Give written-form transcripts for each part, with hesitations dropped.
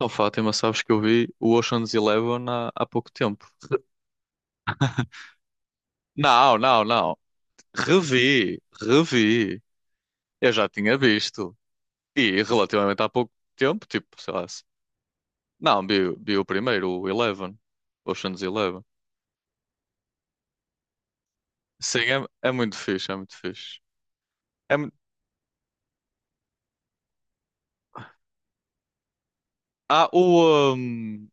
Não, Fátima, sabes que eu vi o Ocean's Eleven há pouco tempo. Não, não, não. Revi, revi. Eu já tinha visto. E relativamente há pouco tempo, tipo, sei lá. Não, vi o primeiro, o Eleven. Ocean's Eleven. Sim, é muito fixe, é muito fixe. É, mu- há o.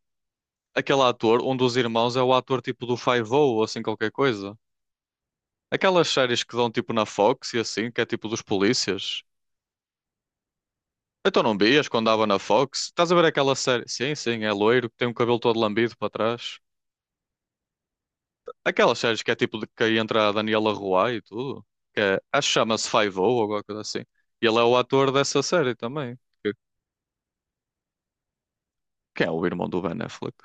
aquele ator, um dos irmãos é o ator tipo do Five-O ou assim qualquer coisa. Aquelas séries que dão tipo na Fox e assim, que é tipo dos polícias. Então não vias quando dava na Fox? Estás a ver aquela série? Sim, sim, é loiro, que tem o cabelo todo lambido para trás. Aquelas séries que é tipo de que aí entra a Daniela Ruai e tudo. Que é, acho que chama-se Five-O ou alguma coisa assim. E ele é o ator dessa série também. Que- Quem é o irmão do Ben Affleck?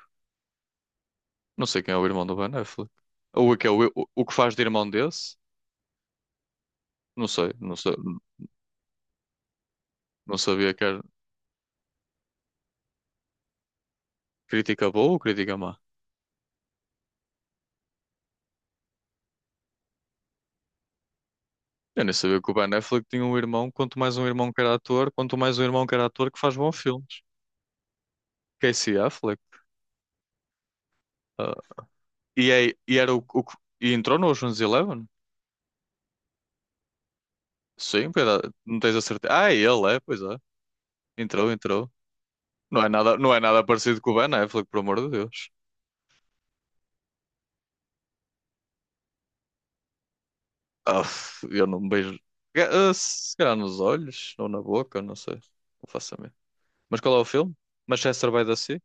Não sei quem é o irmão do Ben Affleck. O que é o que faz de irmão desse? Não sei, não sei. Não sabia que era crítica boa ou crítica má. Eu nem sabia que o Ben Affleck tinha um irmão, quanto mais um irmão que era ator, quanto mais um irmão que era ator que faz bons filmes. Casey Affleck. ah, e era e entrou no Ocean's Eleven? Sim, pera, não tens a certeza. Ah, é, ele é, pois é. Entrou, entrou. Não é nada, não é nada parecido com o Ben Affleck, por amor de Deus. Ah, eu não me beijo. Se calhar nos olhos ou na boca, não sei. Não faço a mim. Mas qual é o filme? Manchester by the Sea?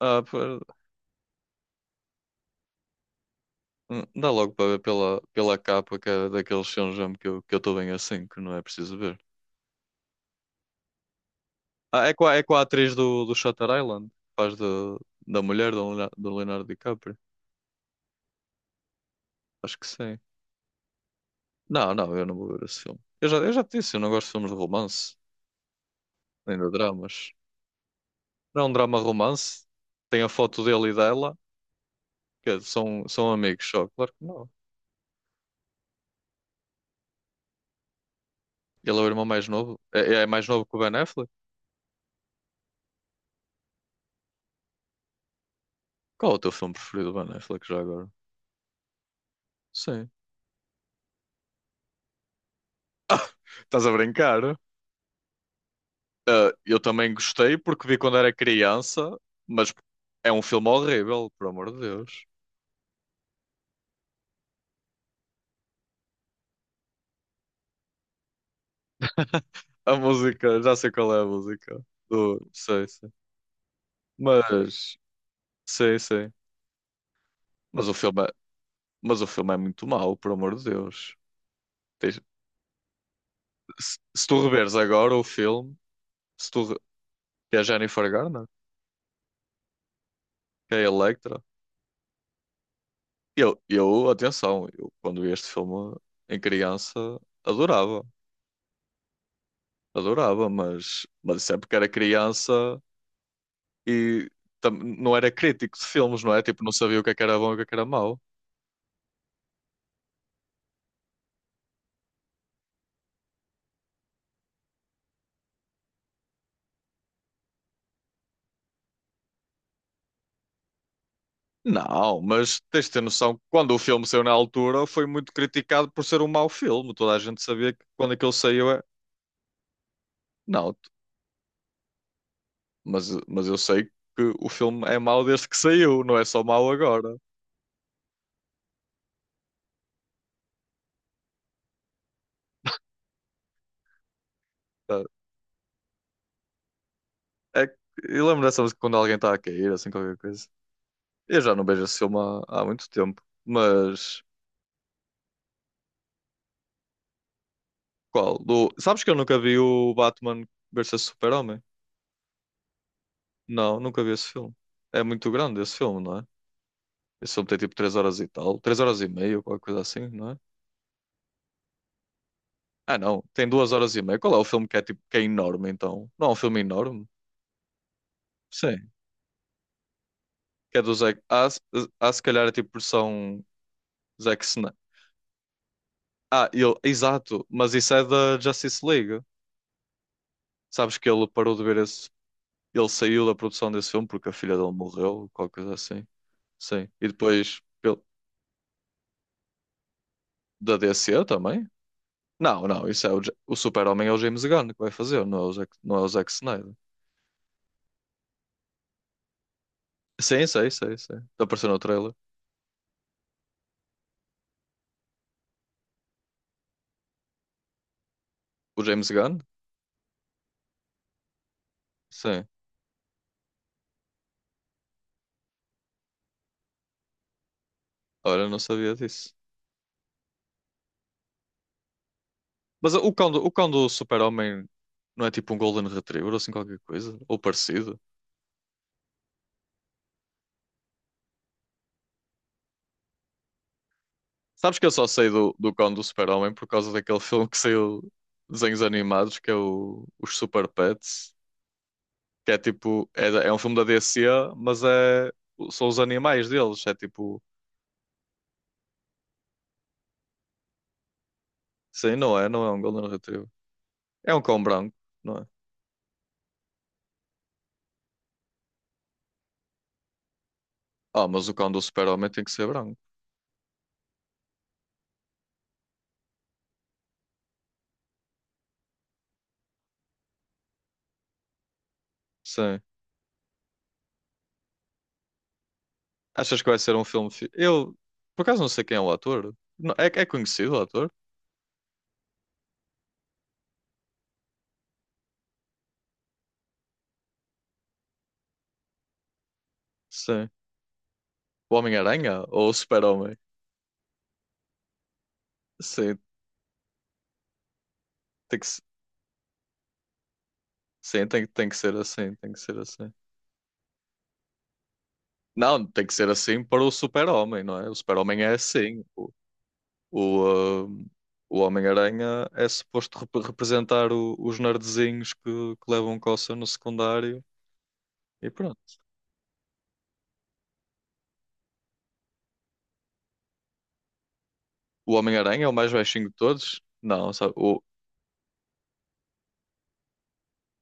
Ah, pera- dá logo para ver pela capa, que é daqueles filmes mesmo que eu estou bem assim, que não é preciso ver. Ah, é com a, atriz do Shutter Island, que faz de, da mulher do Leonardo DiCaprio. Acho que sim. Não, não, eu não vou ver esse filme. Eu já te disse, eu não gosto de filmes de romance, nem de dramas. Não é um drama romance. Tem a foto dele e dela, que são amigos só. Claro que não. Ele é o irmão mais novo. É mais novo que o Ben Affleck? Qual é o teu filme preferido do Ben Affleck já agora? Sim. Estás a brincar? Ah, eu também gostei porque vi quando era criança, mas é um filme horrível, por amor de Deus. A música, já sei qual é a música. Sei, sei. Mas. Sei, sei. Mas o filme é, mas o filme é muito mau, por amor de Deus. Tens- se tu reveres agora o filme, se tu re- que é a Jennifer Garner, que é a Electra, atenção, eu quando vi este filme em criança adorava, adorava, mas, sempre que era criança e não era crítico de filmes, não é? Tipo, não sabia o que é que era bom e o que é que era mau. Não, mas tens de ter noção que quando o filme saiu na altura foi muito criticado por ser um mau filme. Toda a gente sabia que quando aquilo saiu é. Não, mas eu sei que o filme é mau desde que saiu, não é só mau agora. Tá? É, que- eu lembro dessa música quando alguém está a cair, assim, qualquer coisa. Eu já não vejo esse filme há muito tempo. Mas qual? Sabes que eu nunca vi o Batman versus Super-Homem? Não, nunca vi esse filme. É muito grande esse filme, não é? Esse filme tem tipo 3 horas e tal, 3 horas e meia, ou qualquer coisa assim, não é? Ah, não, tem 2 horas e meia. Qual é o filme que é tipo que é enorme então? Não é um filme enorme? Sim. Que é do Zack. Se calhar é tipo versão Zack Snyder. Ah, exato, mas isso é da Justice League. Sabes que ele parou de ver esse. Ele saiu da produção desse filme porque a filha dele morreu, qualquer coisa assim. Sim. E depois da DC também? Não, não, isso é o Super-Homem é o James Gunn que vai fazer, não é o Zack, não é o Zack Snyder. Sim, sei, sei, sei. Está aparecendo no trailer. O James Gunn? Sim. Ora, não sabia disso. Mas o cão do Super-Homem não é tipo um Golden Retriever ou assim qualquer coisa? Ou parecido? Sabes que eu só sei do, cão do Super-Homem por causa daquele filme que saiu de desenhos animados, que é o, os Super Pets, que é tipo, é um filme da DC, mas é, são os animais deles, é tipo, sim, não é, não é um Golden Retriever. É um cão branco, não é? Ah, mas o cão do Super-Homem tem que ser branco, sim. Achas que vai ser um filme? Eu, por acaso, não sei quem é o ator. É conhecido o ator? Sim. O Homem-Aranha ou o Super-Homem? Sim, tem que, se- sim tem que ser assim, tem que ser assim. Não, tem que ser assim para o Super-Homem, não é? O Super-Homem é assim. O, ah, o Homem-Aranha é suposto representar os nerdzinhos que levam coça no secundário e pronto. O Homem-Aranha é o mais baixinho de todos? Não, sabe? O,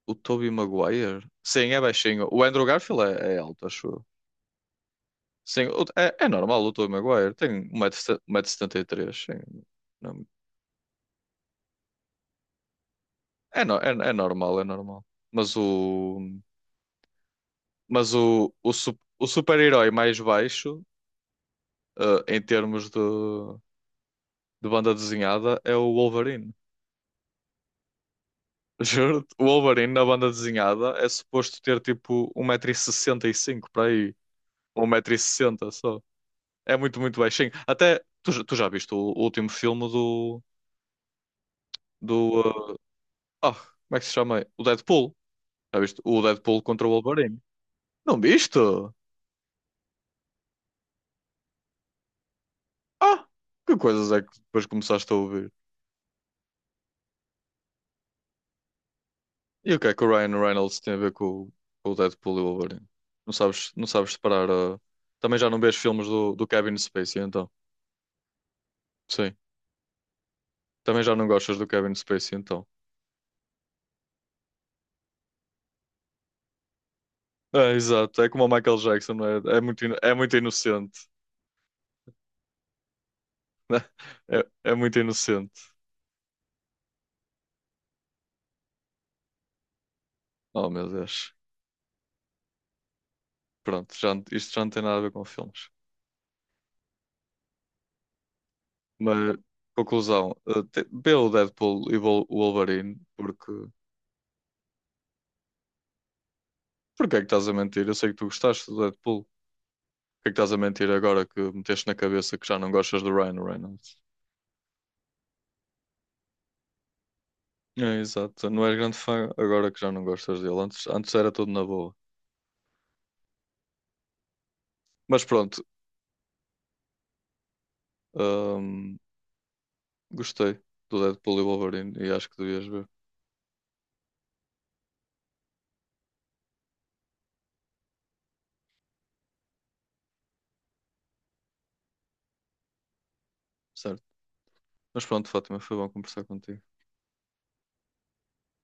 o Tobey Maguire? Sim, é baixinho. O Andrew Garfield é alto, acho eu. Sim, é normal o Tobey Maguire. Tem 1,73 m, sim. É, é normal, é normal. Mas o, mas o super-herói mais baixo, em termos de banda desenhada, é o Wolverine. Juro, o Wolverine na banda desenhada é suposto ter tipo 1,65 m para aí. Ou 1,60 m só. É muito, muito baixinho. Até, tu, tu já viste o último filme do como é que se chama? O Deadpool. Já viste o Deadpool contra o Wolverine? Não viste? Ah, que coisas é que depois começaste a ouvir? E o que é que o Ryan Reynolds tem a ver com o Deadpool e o Wolverine? Não sabes, não sabes separar. Também já não vês filmes do Kevin Spacey, então. Sim. Também já não gostas do Kevin Spacey, então. É, exato. É como o Michael Jackson, não é? É muito inocente. É muito inocente. Oh, meu Deus. Pronto, já, não- isto já não tem nada a ver com filmes. Mas, conclusão, vê o Deadpool e o Wolverine, porque. Porquê é que estás a mentir? Eu sei que tu gostaste do Deadpool. Porquê é que estás a mentir agora que meteste na cabeça que já não gostas do Ryan Reynolds? É, exato. Não és grande fã agora que já não gostas dele. Antes, antes era tudo na boa. Mas pronto, hum, gostei do Deadpool e Wolverine e acho que devias ver. Certo. Mas pronto, Fátima, foi bom conversar contigo.